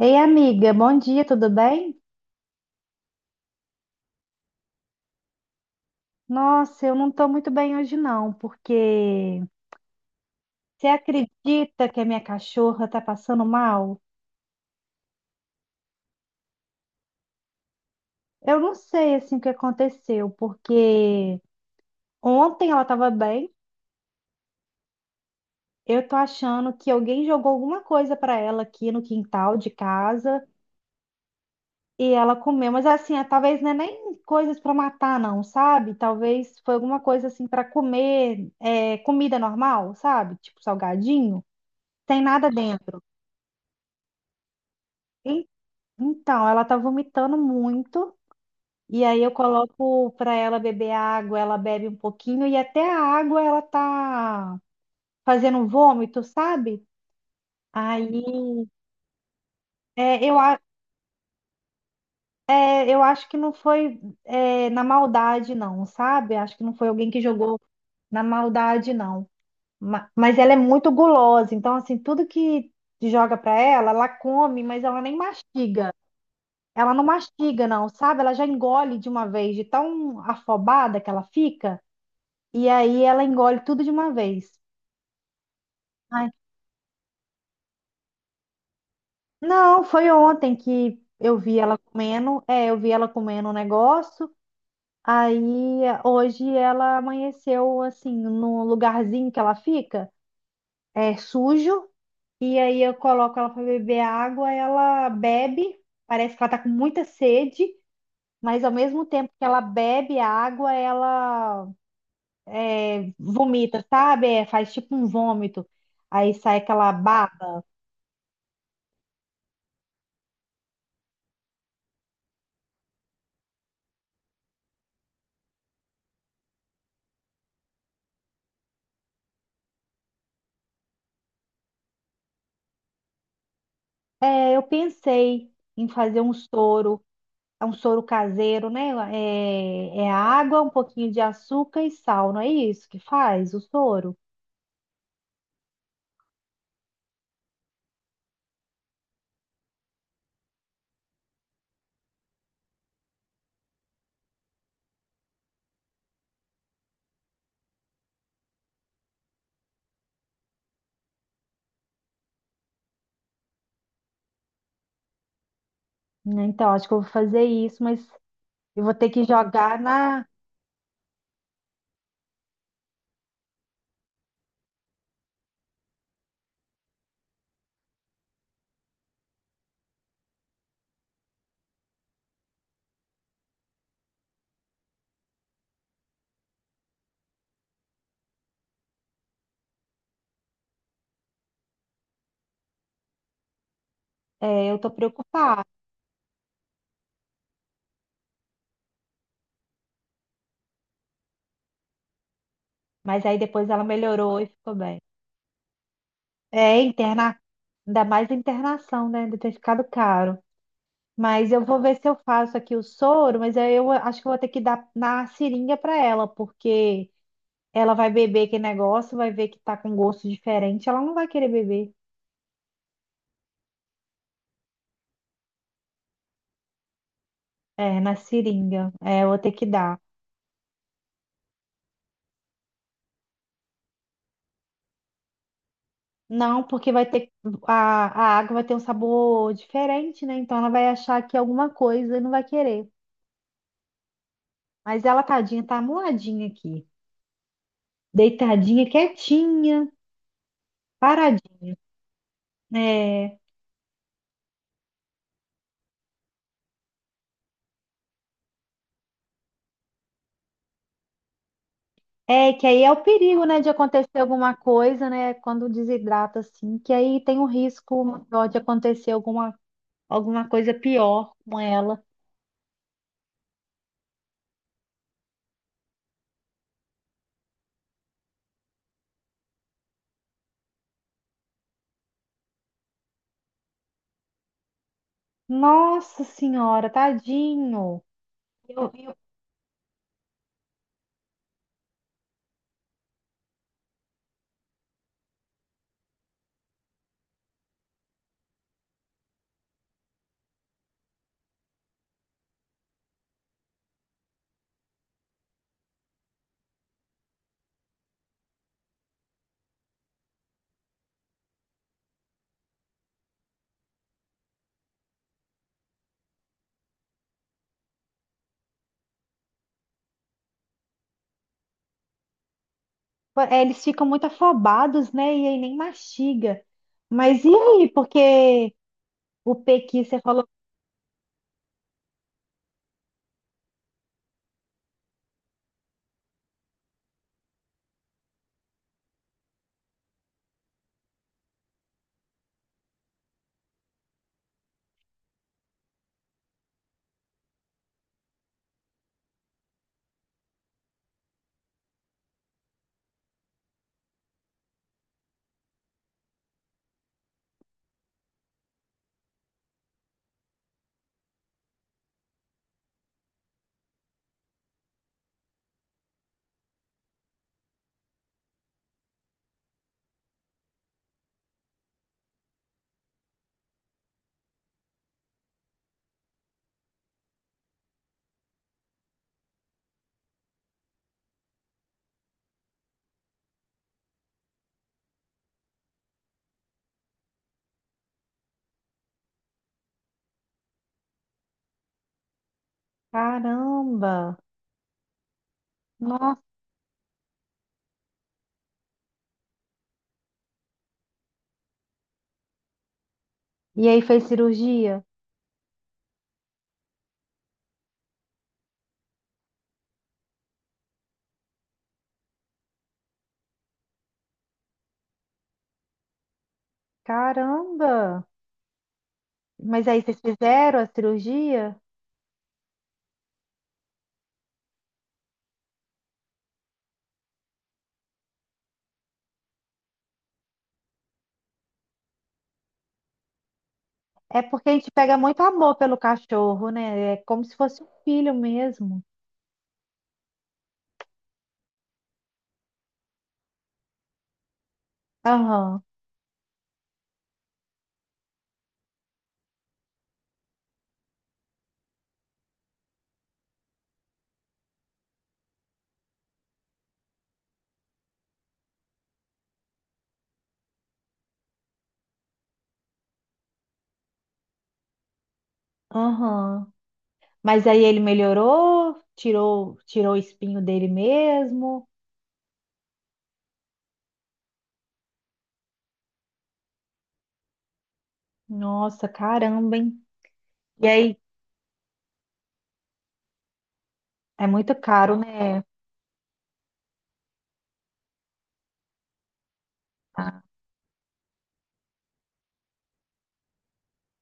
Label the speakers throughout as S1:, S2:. S1: Ei, amiga, bom dia, tudo bem? Nossa, eu não tô muito bem hoje não, porque você acredita que a minha cachorra tá passando mal? Eu não sei assim o que aconteceu, porque ontem ela tava bem, eu tô achando que alguém jogou alguma coisa pra ela aqui no quintal de casa e ela comeu, mas assim, talvez não é nem coisas pra matar não, sabe? Talvez foi alguma coisa assim pra comer, comida normal, sabe? Tipo salgadinho, tem nada dentro. Então, ela tá vomitando muito, e aí eu coloco pra ela beber água, ela bebe um pouquinho, e até a água ela tá fazendo vômito, sabe? Aí, é, eu, a- é, eu acho que não foi, na maldade, não, sabe? Acho que não foi alguém que jogou na maldade, não. Mas ela é muito gulosa, então, assim, tudo que joga pra ela, ela come, mas ela nem mastiga. Ela não mastiga, não, sabe? Ela já engole de uma vez, de tão afobada que ela fica, e aí ela engole tudo de uma vez. Ai, não, foi ontem que eu vi ela comendo, eu vi ela comendo um negócio, aí hoje ela amanheceu assim, no lugarzinho que ela fica, é sujo, e aí eu coloco ela para beber água, ela bebe, parece que ela tá com muita sede, mas ao mesmo tempo que ela bebe a água, ela vomita, sabe? É, faz tipo um vômito, aí sai aquela baba. É, eu pensei em fazer um soro, é um soro caseiro, né? É água, um pouquinho de açúcar e sal, não é isso que faz o soro? Né, então, acho que eu vou fazer isso, mas eu vou ter que jogar na. É, eu tô preocupada, mas aí depois ela melhorou e ficou bem. É, interna, ainda mais a internação, né? Deve ter ficado caro. Mas eu vou ver se eu faço aqui o soro, mas aí eu acho que eu vou ter que dar na seringa para ela, porque ela vai beber aquele negócio, vai ver que tá com gosto diferente, ela não vai querer beber. É, na seringa. É, eu vou ter que dar. Não, porque vai ter a, a água vai ter um sabor diferente, né? Então ela vai achar que é alguma coisa e não vai querer. Mas ela, tadinha, tá amuladinha aqui, deitadinha, quietinha, paradinha. É. É, que aí é o perigo, né, de acontecer alguma coisa, né, quando desidrata assim, que aí tem um risco maior de acontecer alguma, alguma coisa pior com ela. Nossa senhora, tadinho. Eu- eu- eles ficam muito afobados, né, e aí nem mastiga. Mas e aí, porque o pequi, você falou, caramba, nossa. E aí fez cirurgia? Caramba. Mas aí vocês fizeram a cirurgia? É porque a gente pega muito amor pelo cachorro, né? É como se fosse um filho mesmo. Aham, aham. Mas aí ele melhorou, tirou, tirou o espinho dele mesmo. Nossa, caramba, hein? E aí, é muito caro, né?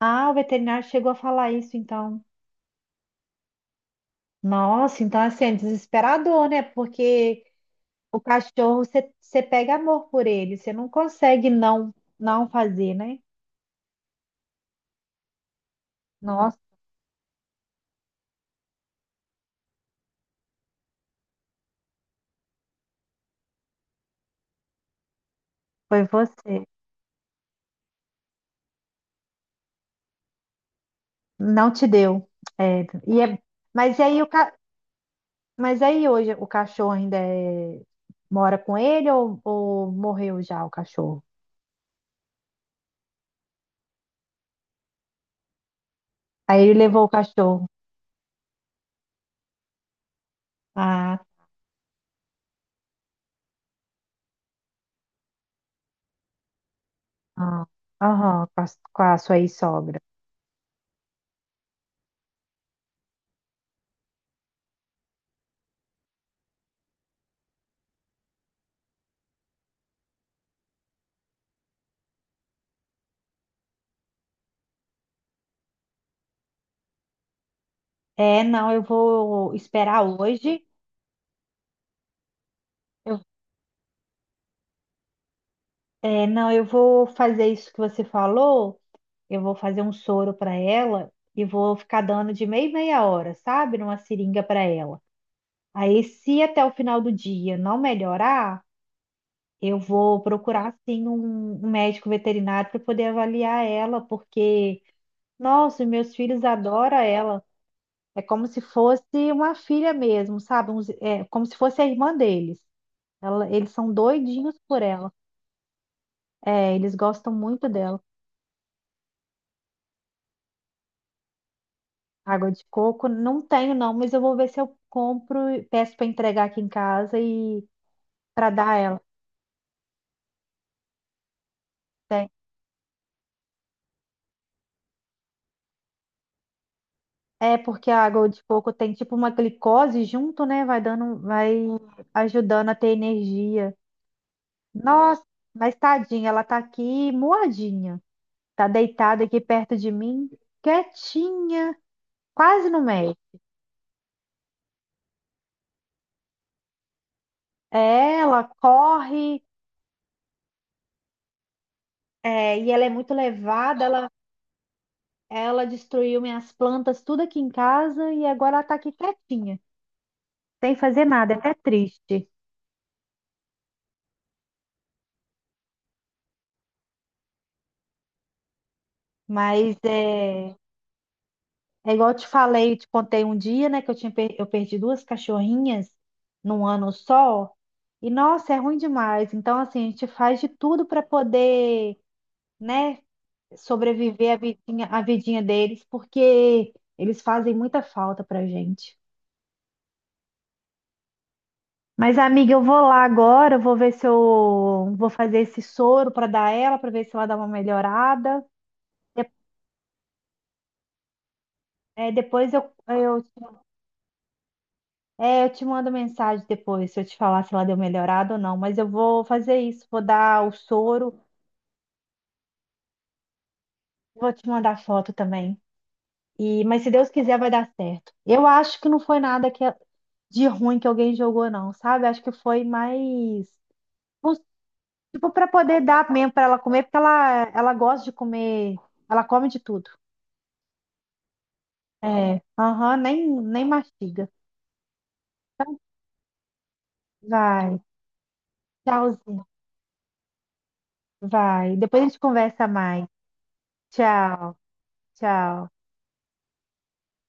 S1: Ah, o veterinário chegou a falar isso, então. Nossa, então assim, é desesperador, né? Porque o cachorro, você pega amor por ele, você não consegue não, não fazer, né? Nossa, foi você. Não te deu. É, e é, mas e aí mas aí hoje o cachorro ainda mora com ele ou morreu já o cachorro? Aí ele levou o cachorro. Ah, ah, aham, com a sua sogra. É, não, eu vou esperar hoje. Eu- não, eu vou fazer isso que você falou. Eu vou fazer um soro para ela e vou ficar dando de meia em meia hora, sabe? Numa seringa para ela. Aí, se até o final do dia não melhorar, eu vou procurar sim um médico veterinário para poder avaliar ela, porque, nossa, meus filhos adoram ela. É como se fosse uma filha mesmo, sabe? É como se fosse a irmã deles. Eles são doidinhos por ela. É, eles gostam muito dela. Água de coco, não tenho não, mas eu vou ver se eu compro, e peço para entregar aqui em casa e para dar a ela. Tem. É porque a água de coco tem tipo uma glicose junto, né? Vai dando, vai ajudando a ter energia. Nossa, mas tadinha, ela tá aqui moadinha. Tá deitada aqui perto de mim, quietinha, quase no meio. É, ela corre, e ela é muito levada, ela destruiu minhas plantas, tudo aqui em casa, e agora ela tá aqui quietinha, sem fazer nada, é até triste. Mas é. É igual eu te falei, eu te contei um dia, né, que eu tinha eu perdi duas cachorrinhas num ano só. E nossa, é ruim demais. Então, assim, a gente faz de tudo para poder, né, sobreviver a vidinha deles, porque eles fazem muita falta pra gente. Mas, amiga, eu vou lá agora, eu vou ver se eu vou fazer esse soro para dar ela, para ver se ela dá uma melhorada. De- é, depois eu te É, eu te mando mensagem depois, se eu te falar se ela deu melhorada ou não, mas eu vou fazer isso, vou dar o soro, vou te mandar foto também. E, mas se Deus quiser, vai dar certo. Eu acho que não foi nada que, de ruim que alguém jogou, não, sabe? Acho que foi mais, uns- tipo, para poder dar mesmo para ela comer, porque ela gosta de comer, ela come de tudo. É, aham, nem, nem mastiga. Então, vai, tchauzinho, vai. Depois a gente conversa mais. Tchau, tchau.